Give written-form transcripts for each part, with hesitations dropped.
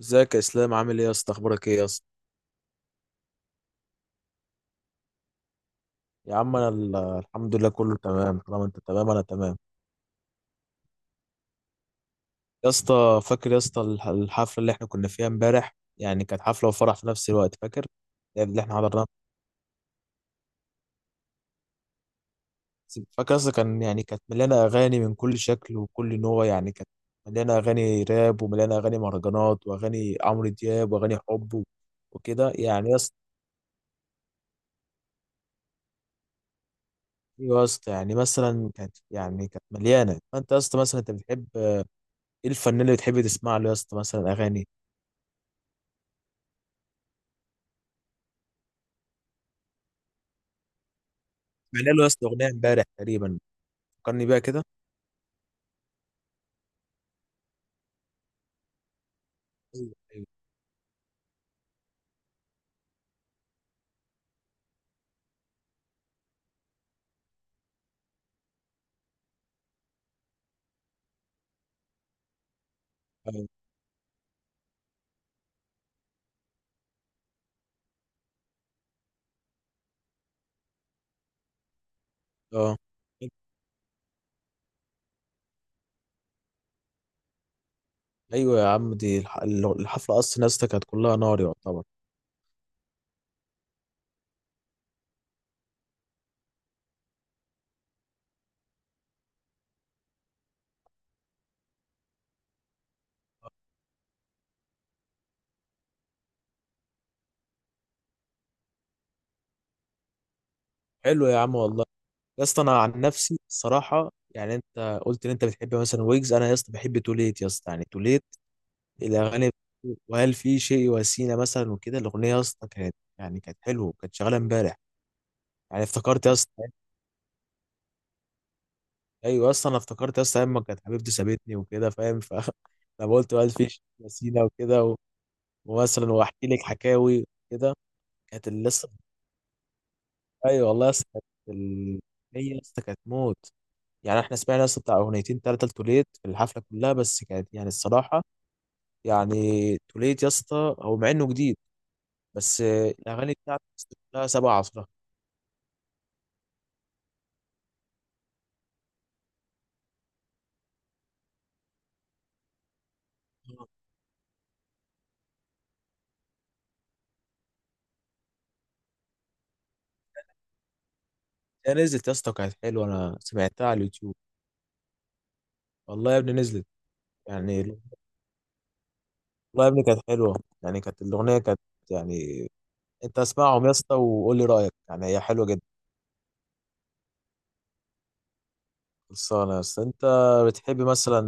ازيك يا اسلام؟ عامل ايه يا اسطى؟ اخبارك ايه يا اسطى؟ يا عم، انا الحمد لله كله تمام. طالما انت تمام انا تمام. يا اسطى، فاكر يا اسطى الحفله اللي احنا كنا فيها امبارح؟ يعني كانت حفله وفرح في نفس الوقت، فاكر؟ يعني اللي احنا حضرناها. فاكر يا اسطى؟ كانت مليانه اغاني من كل شكل وكل نوع، يعني كانت مليانه اغاني راب، ومليانه اغاني مهرجانات، واغاني عمرو دياب، واغاني حب وكده يعني يا اسطى. أيوة يا اسطى. يعني مثلا كانت مليانه. فانت يا اسطى مثلا انت بتحب ايه الفنان اللي بتحب تسمع له يا اسطى؟ مثلا اغاني عامل له يا اسطى اغنيه امبارح تقريبا، فكرني بيها كده. ايوه، ايوه. أيوة. اه، ايوه يا عم، دي الحفله اصلا يا اسطى كانت كلها نار يعتبر. حلو يا عم، والله. يا اسطى، انا عن نفسي الصراحه، يعني انت قلت ان انت بتحب مثلا ويجز، انا يا اسطى بحب توليت يا اسطى. يعني توليت الاغاني بتاعته، وهل في شيء وسيله مثلا وكده. الاغنيه يا اسطى كانت حلوه، كانت شغاله امبارح. يعني افتكرت يا اسطى. ايوه، اصلا انا افتكرت يا اسطى ايام ما كانت حبيبتي سابتني وكده، فاهم؟ ف انا قلت بقى في شيء وسيله وكده، ومثلا واحكي لك حكاوي كده. كانت اللي لسه، ايوه والله يا اسطى كانت ال- هي يا اسطى كانت موت. يعني احنا سمعنا يا اسطى بتاع اغنيتين 3 لتوليت في الحفله كلها، بس كانت يعني الصراحه، يعني توليت يا اسطى هو مع انه جديد، بس الاغاني بتاعته يا اسطى كلها 17. هي نزلت يا اسطى وكانت حلوه، انا سمعتها على اليوتيوب. والله يا ابني نزلت. يعني والله يا ابني كانت حلوه. يعني كانت الاغنيه كانت، يعني انت اسمعهم يا اسطى وقول لي رايك، يعني هي حلوه جدا. خلصانة يا اسطى. انت بتحب مثلا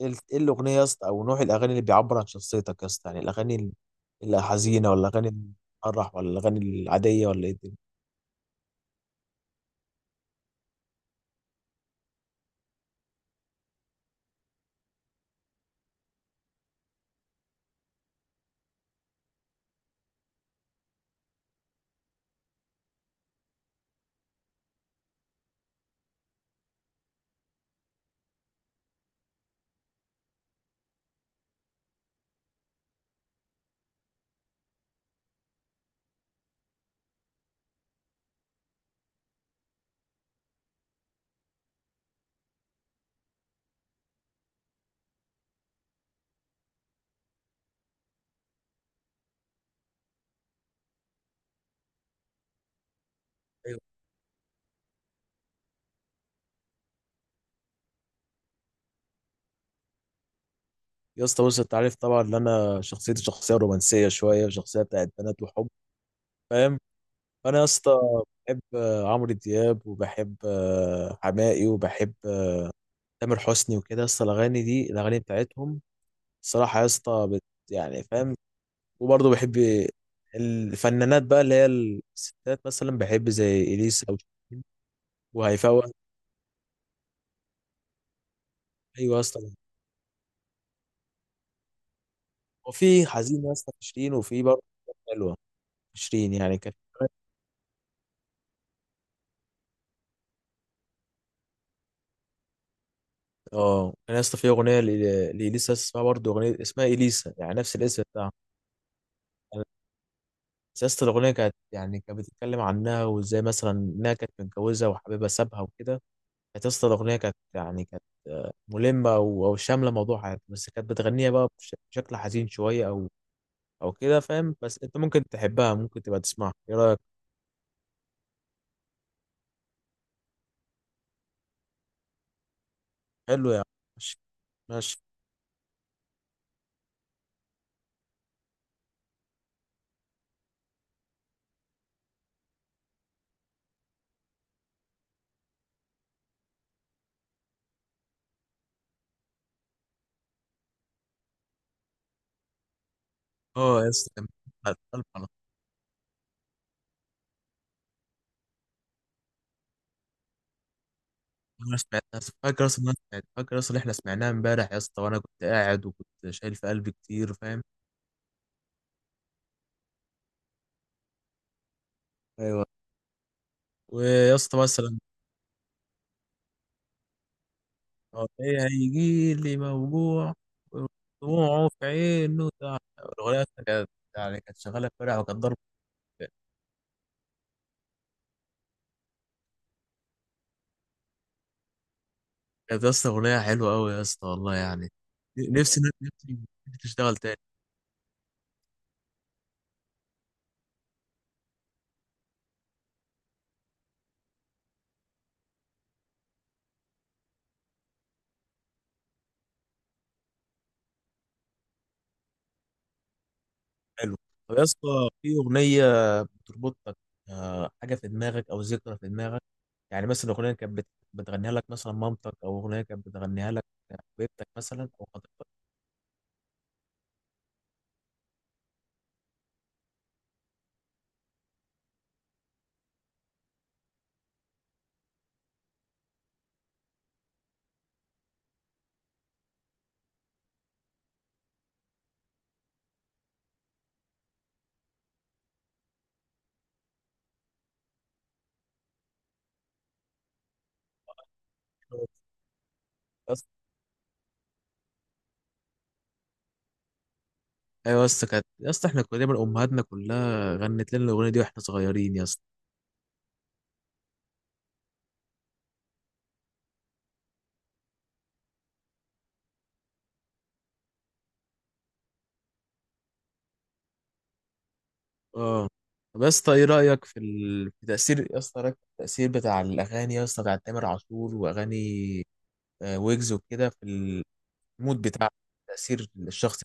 ايه ايه الاغنية يا اسطى، او نوع الاغاني اللي بيعبر عن شخصيتك يا اسطى؟ يعني الاغاني الحزينة، ولا الاغاني الفرح، ولا الاغاني العادية، ولا ايه الدنيا؟ ايوه يا اسطى. بص، انت عارف طبعا ان انا شخصيتي شخصية رومانسية شوية، وشخصية بتاعت بنات وحب، فاهم؟ فانا يا اسطى بحب عمرو دياب، وبحب حماقي، وبحب تامر حسني وكده يا اسطى. الاغاني دي الاغاني بتاعتهم الصراحة يا اسطى بت، يعني فاهم؟ وبرضه بحب الفنانات بقى، اللي هي الستات مثلا. بحب زي اليسا، او شيرين، وهيفاء وهبي. ايوه اصلا. وفي حزين يا اسطى في شيرين، وفي برضه حلوه. في شيرين يعني كانت. اه، انا يا اسطى في اغنيه لاليسا اسمها برضه اغنيه اسمها اليسا، يعني نفس الاسم بتاعها. أنا- بس يا اسطى الاغنيه كانت يعني كانت بتتكلم عنها، وازاي مثلا انها كانت متجوزه وحبيبها سابها وكده. كانت يا اسطى الاغنيه كانت ملمه او شامله موضوع حياتها، بس كانت بتغنيها بقى بشكل حزين شويه، او او كده، فاهم؟ بس انت ممكن تحبها، ممكن تبقى تسمعها. ايه رايك؟ حلو يا عم. ماشي. ماشي. اه يا اسطى كان. على القلب على طول. انا سمعتها. فاكر اصلا إن احنا سمعناها امبارح يا اسطى، وانا كنت قاعد وكنت شايل في قلبي كتير، فاهم؟ ايوه. ويا اسطى مثلا. اه، ايه هيجي لي موجوع؟ دموعه في عينه. الاغنيه أصلاً كانت، يعني كانت شغاله امبارح وكانت ضرب. كانت يا اسطى اغنيه حلوه قوي يا اسطى، والله يعني. نفسي، نفسي تشتغل تاني. حلو. طب يا اسطى، في اغنيه بتربطك حاجه في دماغك، او ذكرى في دماغك؟ يعني مثلا اغنيه كانت بتغنيها لك مثلا مامتك، او اغنيه كانت بتغنيها لك حبيبتك مثلا، او خطيبتك؟ يا اسطى- ايوه يا اسطى، كانت يا اسطى احنا كنا دايما امهاتنا كلها غنت لنا الاغنيه دي واحنا صغيرين يا اسطى. اه. طب يا اسطى، ايه رايك في تاثير يا اسطى، رأيك في التاثير بتاع الاغاني يا اسطى بتاع تامر عاشور، واغاني ويجز وكده، في المود، بتاع تاثير الشخص؟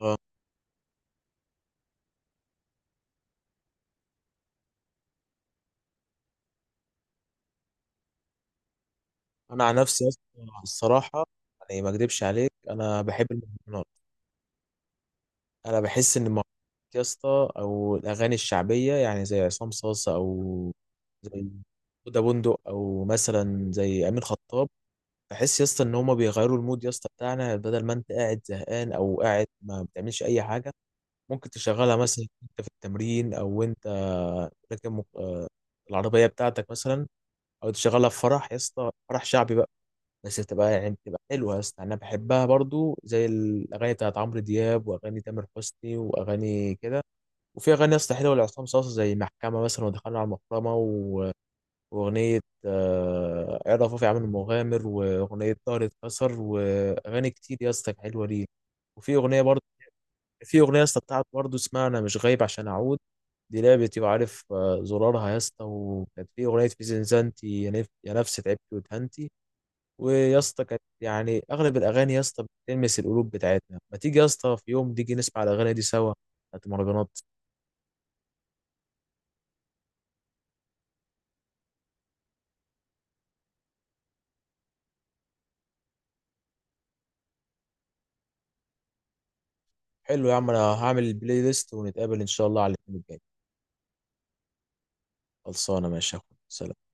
آه. انا عن نفسي يا اسطى، الصراحه، يعني ما اكدبش عليك، انا بحب المهرجانات. انا بحس ان المهرجانات يا اسطى، او الاغاني الشعبيه، يعني زي عصام صاصه، او زي هدى بندق، او مثلا زي امين خطاب، بحس يا اسطى ان هما بيغيروا المود يا اسطى بتاعنا، بدل ما انت قاعد زهقان او قاعد ما بتعملش اي حاجه. ممكن تشغلها مثلا انت في التمرين، او انت راكب العربيه بتاعتك مثلا، او تشغلها في فرح يا اسطى، فرح شعبي بقى. بس بتبقى حلوه يا اسطى، انا بحبها برضو، زي الاغاني بتاعت عمرو دياب، واغاني تامر حسني، واغاني كده. وفي اغاني يا اسطى حلوه لعصام صاصا، زي محكمه مثلا، ودخلنا على المحرمه واغنيه عرف رفيع عامل المغامر، واغنيه ظهري اتكسر، واغاني كتير يا اسطى حلوه ليه. وفي اغنيه برضو، في اغنيه يا اسطى بتاعت برضو اسمها انا مش غايب عشان اعود، دي لعبتي وعارف زرارها يا اسطى، وكانت في اغنيه في زنزانتي يا يا نفس تعبتي ودهنتي. ويا اسطى كانت يعني اغلب الاغاني يا اسطى بتلمس القلوب بتاعتنا. ما تيجي يا اسطى في يوم تيجي نسمع الاغاني دي سوا، بتاعت المهرجانات. حلو يا عم، انا هعمل البلاي ليست ونتقابل ان شاء الله على الاثنين الجاي. خلصانه، ماشي يا اخويا. سلام.